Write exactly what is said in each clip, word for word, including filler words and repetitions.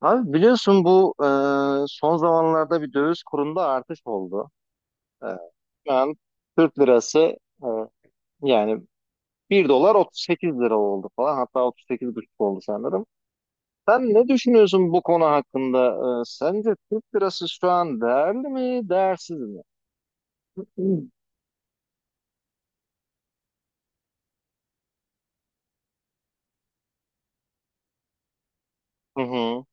Abi biliyorsun bu e, son zamanlarda bir döviz kurunda artış oldu. E, Şu an Türk lirası, e, yani bir dolar otuz sekiz lira oldu falan, hatta otuz sekiz buçuk oldu sanırım. Sen ne düşünüyorsun bu konu hakkında? E, sence Türk lirası şu an değerli mi, değersiz mi? Hı hı.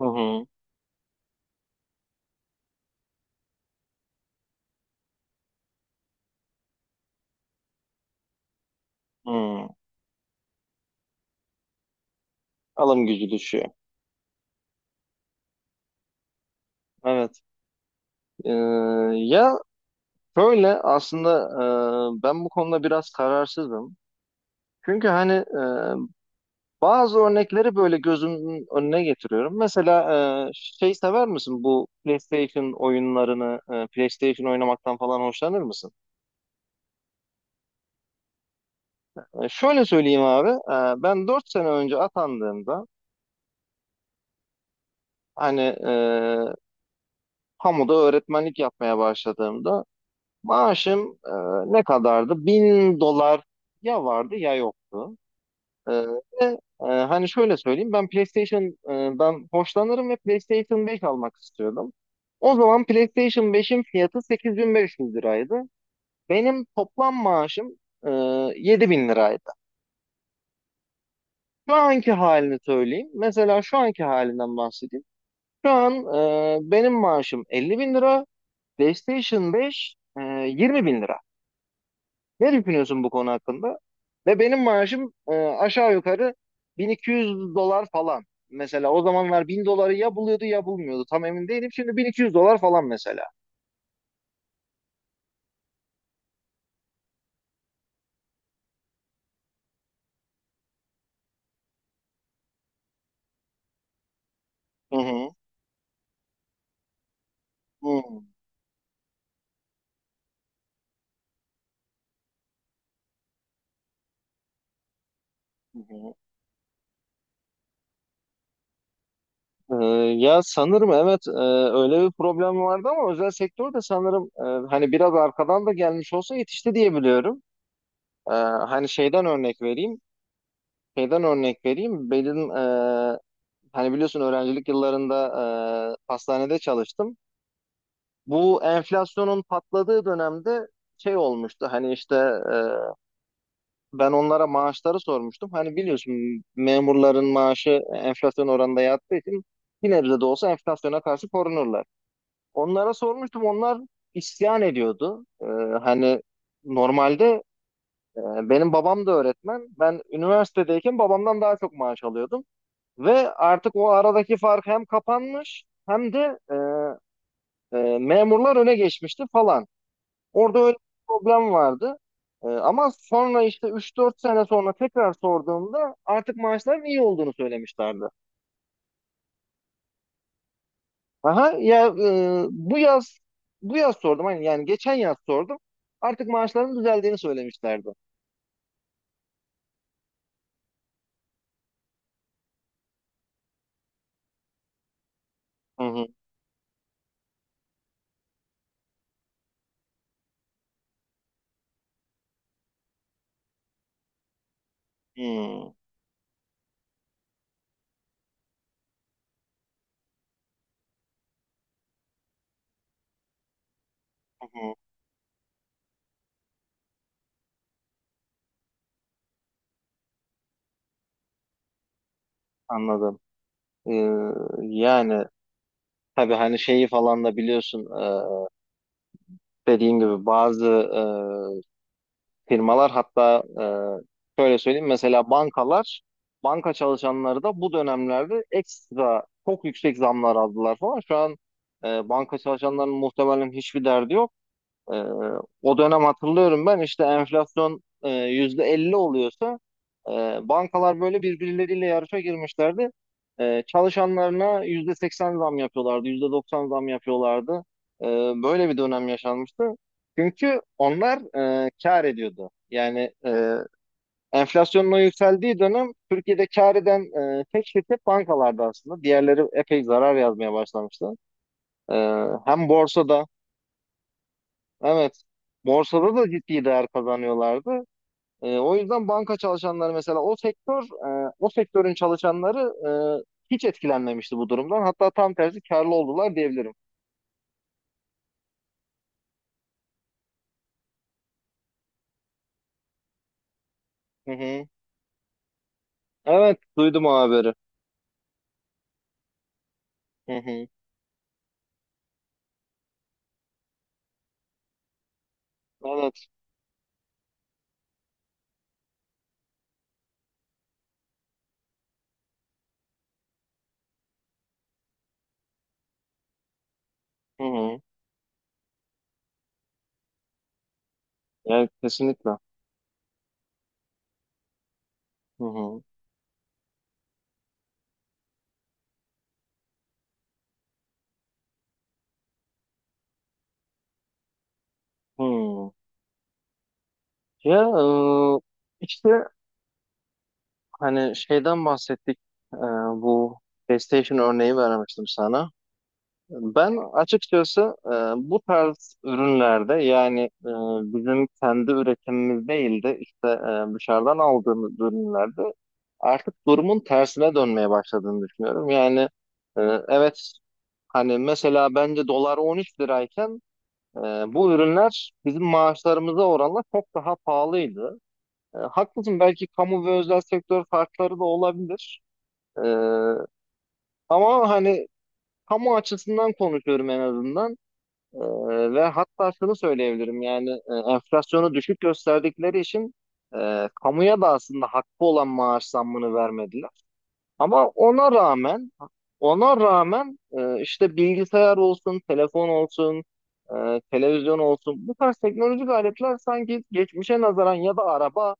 Hı hı. Hı. Alım gücü düşüyor. Evet. Ee, Ya şöyle aslında, e, ben bu konuda biraz kararsızım. Çünkü hani, e, bazı örnekleri böyle gözümün önüne getiriyorum. Mesela e, şey, sever misin bu PlayStation oyunlarını, e, PlayStation oynamaktan falan hoşlanır mısın? E, şöyle söyleyeyim abi, e, ben dört sene önce atandığımda, hani e, kamuda öğretmenlik yapmaya başladığımda maaşım e, ne kadardı? Bin dolar ya vardı ya yoktu. Ee, Ve, e, hani şöyle söyleyeyim, ben PlayStation'dan hoşlanırım ve PlayStation beş almak istiyordum. O zaman PlayStation beşin fiyatı sekiz bin beş yüz liraydı. Benim toplam maaşım e, yedi bin liraydı. Şu anki halini söyleyeyim. Mesela şu anki halinden bahsedeyim. Şu an e, benim maaşım elli bin lira. PlayStation beş e, yirmi bin lira. Ne düşünüyorsun bu konu hakkında? Ve benim maaşım e, aşağı yukarı bin iki yüz dolar falan. Mesela o zamanlar bin doları ya buluyordu ya bulmuyordu. Tam emin değilim. Şimdi bin iki yüz dolar falan mesela. Hı hı. Hı hı. Hı. E, Ya sanırım evet, e, öyle bir problem vardı ama özel sektör de sanırım, e, hani biraz arkadan da gelmiş olsa yetişti diye biliyorum. E, Hani şeyden örnek vereyim. Şeyden örnek vereyim. Benim, e, hani biliyorsun öğrencilik yıllarında, e, hastanede çalıştım. Bu enflasyonun patladığı dönemde şey olmuştu hani işte, e, ben onlara maaşları sormuştum. Hani biliyorsun memurların maaşı enflasyon oranında yattığı için bir nebze de olsa enflasyona karşı korunurlar. Onlara sormuştum, onlar isyan ediyordu. E, hani normalde, e, benim babam da öğretmen. Ben üniversitedeyken babamdan daha çok maaş alıyordum. Ve artık o aradaki fark hem kapanmış hem de e, e, memurlar öne geçmişti falan. Orada öyle bir problem vardı. Ee, ama sonra işte üç dört sene sonra tekrar sorduğumda artık maaşların iyi olduğunu söylemişlerdi. Aha ya, e, bu yaz bu yaz sordum, hani yani geçen yaz sordum. Artık maaşların düzeldiğini söylemişlerdi. Hı hı. Hmm, hı hı, anladım. Ee, Yani tabii hani şeyi falan da biliyorsun, e, dediğin gibi bazı e, firmalar, hatta e, şöyle söyleyeyim, mesela bankalar, banka çalışanları da bu dönemlerde ekstra çok yüksek zamlar aldılar falan. Şu an e, banka çalışanlarının muhtemelen hiçbir derdi yok. Ee, O dönem hatırlıyorum, ben işte enflasyon e, yüzde elli oluyorsa, e, bankalar böyle birbirleriyle yarışa girmişlerdi. E, çalışanlarına yüzde seksen zam yapıyorlardı, yüzde doksan zam yapıyorlardı. E, Böyle bir dönem yaşanmıştı. Çünkü onlar e, kar ediyordu. Yani e, enflasyonun o yükseldiği dönem Türkiye'de kar eden e, tek şirket bankalardı aslında. Diğerleri epey zarar yazmaya başlamıştı. E, Hem borsada, evet. Borsada da ciddi değer kazanıyorlardı. E, o yüzden banka çalışanları, mesela o sektör, e, o sektörün çalışanları e, hiç etkilenmemişti bu durumdan. Hatta tam tersi karlı oldular diyebilirim. Hı hı. Evet, duydum o haberi. Hı hı. Evet. Hı hı. Evet, kesinlikle. Hı hı. Hı. Ya, e, işte hani şeyden bahsettik. E, Bu PlayStation örneği vermiştim sana. Ben açıkçası e, bu tarz ürünlerde, yani e, bizim kendi üretimimiz değil de işte e, dışarıdan aldığımız ürünlerde artık durumun tersine dönmeye başladığını düşünüyorum. Yani e, evet, hani mesela bence dolar on üç lirayken e, bu ürünler bizim maaşlarımıza oranla çok daha pahalıydı. E, haklısın, belki kamu ve özel sektör farkları da olabilir. E, Ama hani kamu açısından konuşuyorum en azından. Ee, Ve hatta şunu söyleyebilirim, yani e, enflasyonu düşük gösterdikleri için e, kamuya da aslında hakkı olan maaş zammını vermediler. Ama ona rağmen ona rağmen, e, işte bilgisayar olsun, telefon olsun, e, televizyon olsun, bu tarz teknolojik aletler sanki geçmişe nazaran, ya da araba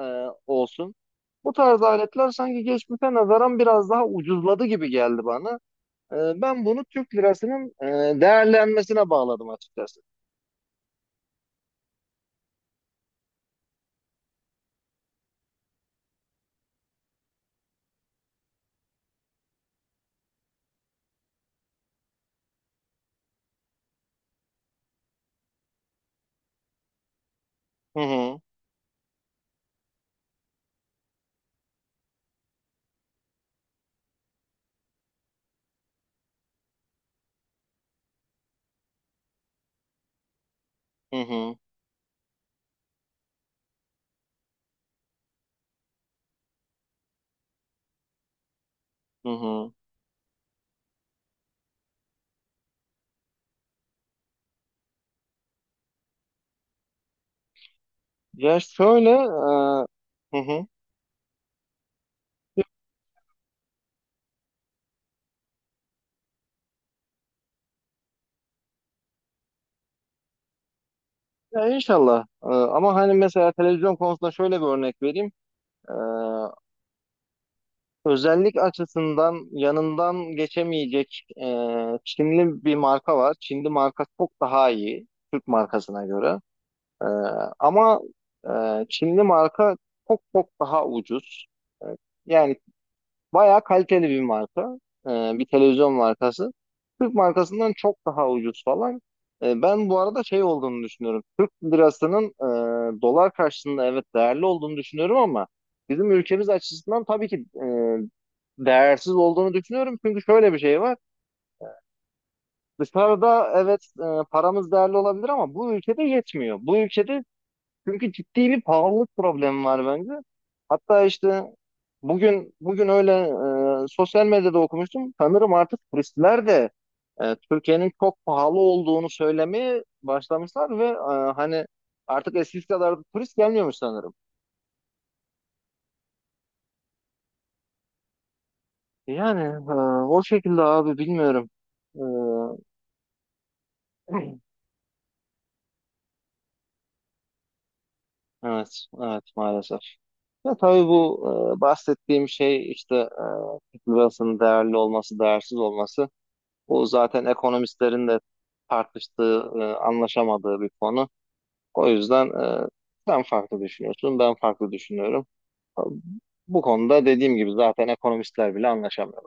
e, olsun, bu tarz aletler sanki geçmişe nazaran biraz daha ucuzladı gibi geldi bana. E, Ben bunu Türk lirasının e, değerlenmesine bağladım açıkçası. Hı hı, hı hı, hı hı. Ya şöyle, e, hı hı. Ya inşallah. E, ama hani mesela televizyon konusunda şöyle bir örnek vereyim. E, Özellik açısından yanından geçemeyecek e, Çinli bir marka var. Çinli marka çok daha iyi Türk markasına göre. E, Ama, e, Çinli marka çok çok daha ucuz. E, Yani bayağı kaliteli bir marka. Ee, Bir televizyon markası. Türk markasından çok daha ucuz falan. Ee, ben bu arada şey olduğunu düşünüyorum. Türk lirasının e, dolar karşısında evet değerli olduğunu düşünüyorum ama bizim ülkemiz açısından, tabii ki e, değersiz olduğunu düşünüyorum. Çünkü şöyle bir şey var. Dışarıda evet, e, paramız değerli olabilir ama bu ülkede yetmiyor. Bu ülkede çünkü ciddi bir pahalılık problemi var bence. Hatta işte bugün bugün öyle e, sosyal medyada okumuştum. Sanırım artık turistler de e, Türkiye'nin çok pahalı olduğunu söylemeye başlamışlar ve e, hani artık eskisi kadar da turist gelmiyormuş sanırım. Yani e, o şekilde abi, bilmiyorum. E, evet, evet maalesef. Ya tabii bu, e, bahsettiğim şey işte, e, Türk lirasının değerli olması, değersiz olması. Bu zaten ekonomistlerin de tartıştığı, e, anlaşamadığı bir konu. O yüzden e, sen farklı düşünüyorsun, ben farklı düşünüyorum. Bu konuda dediğim gibi zaten ekonomistler bile anlaşamıyor.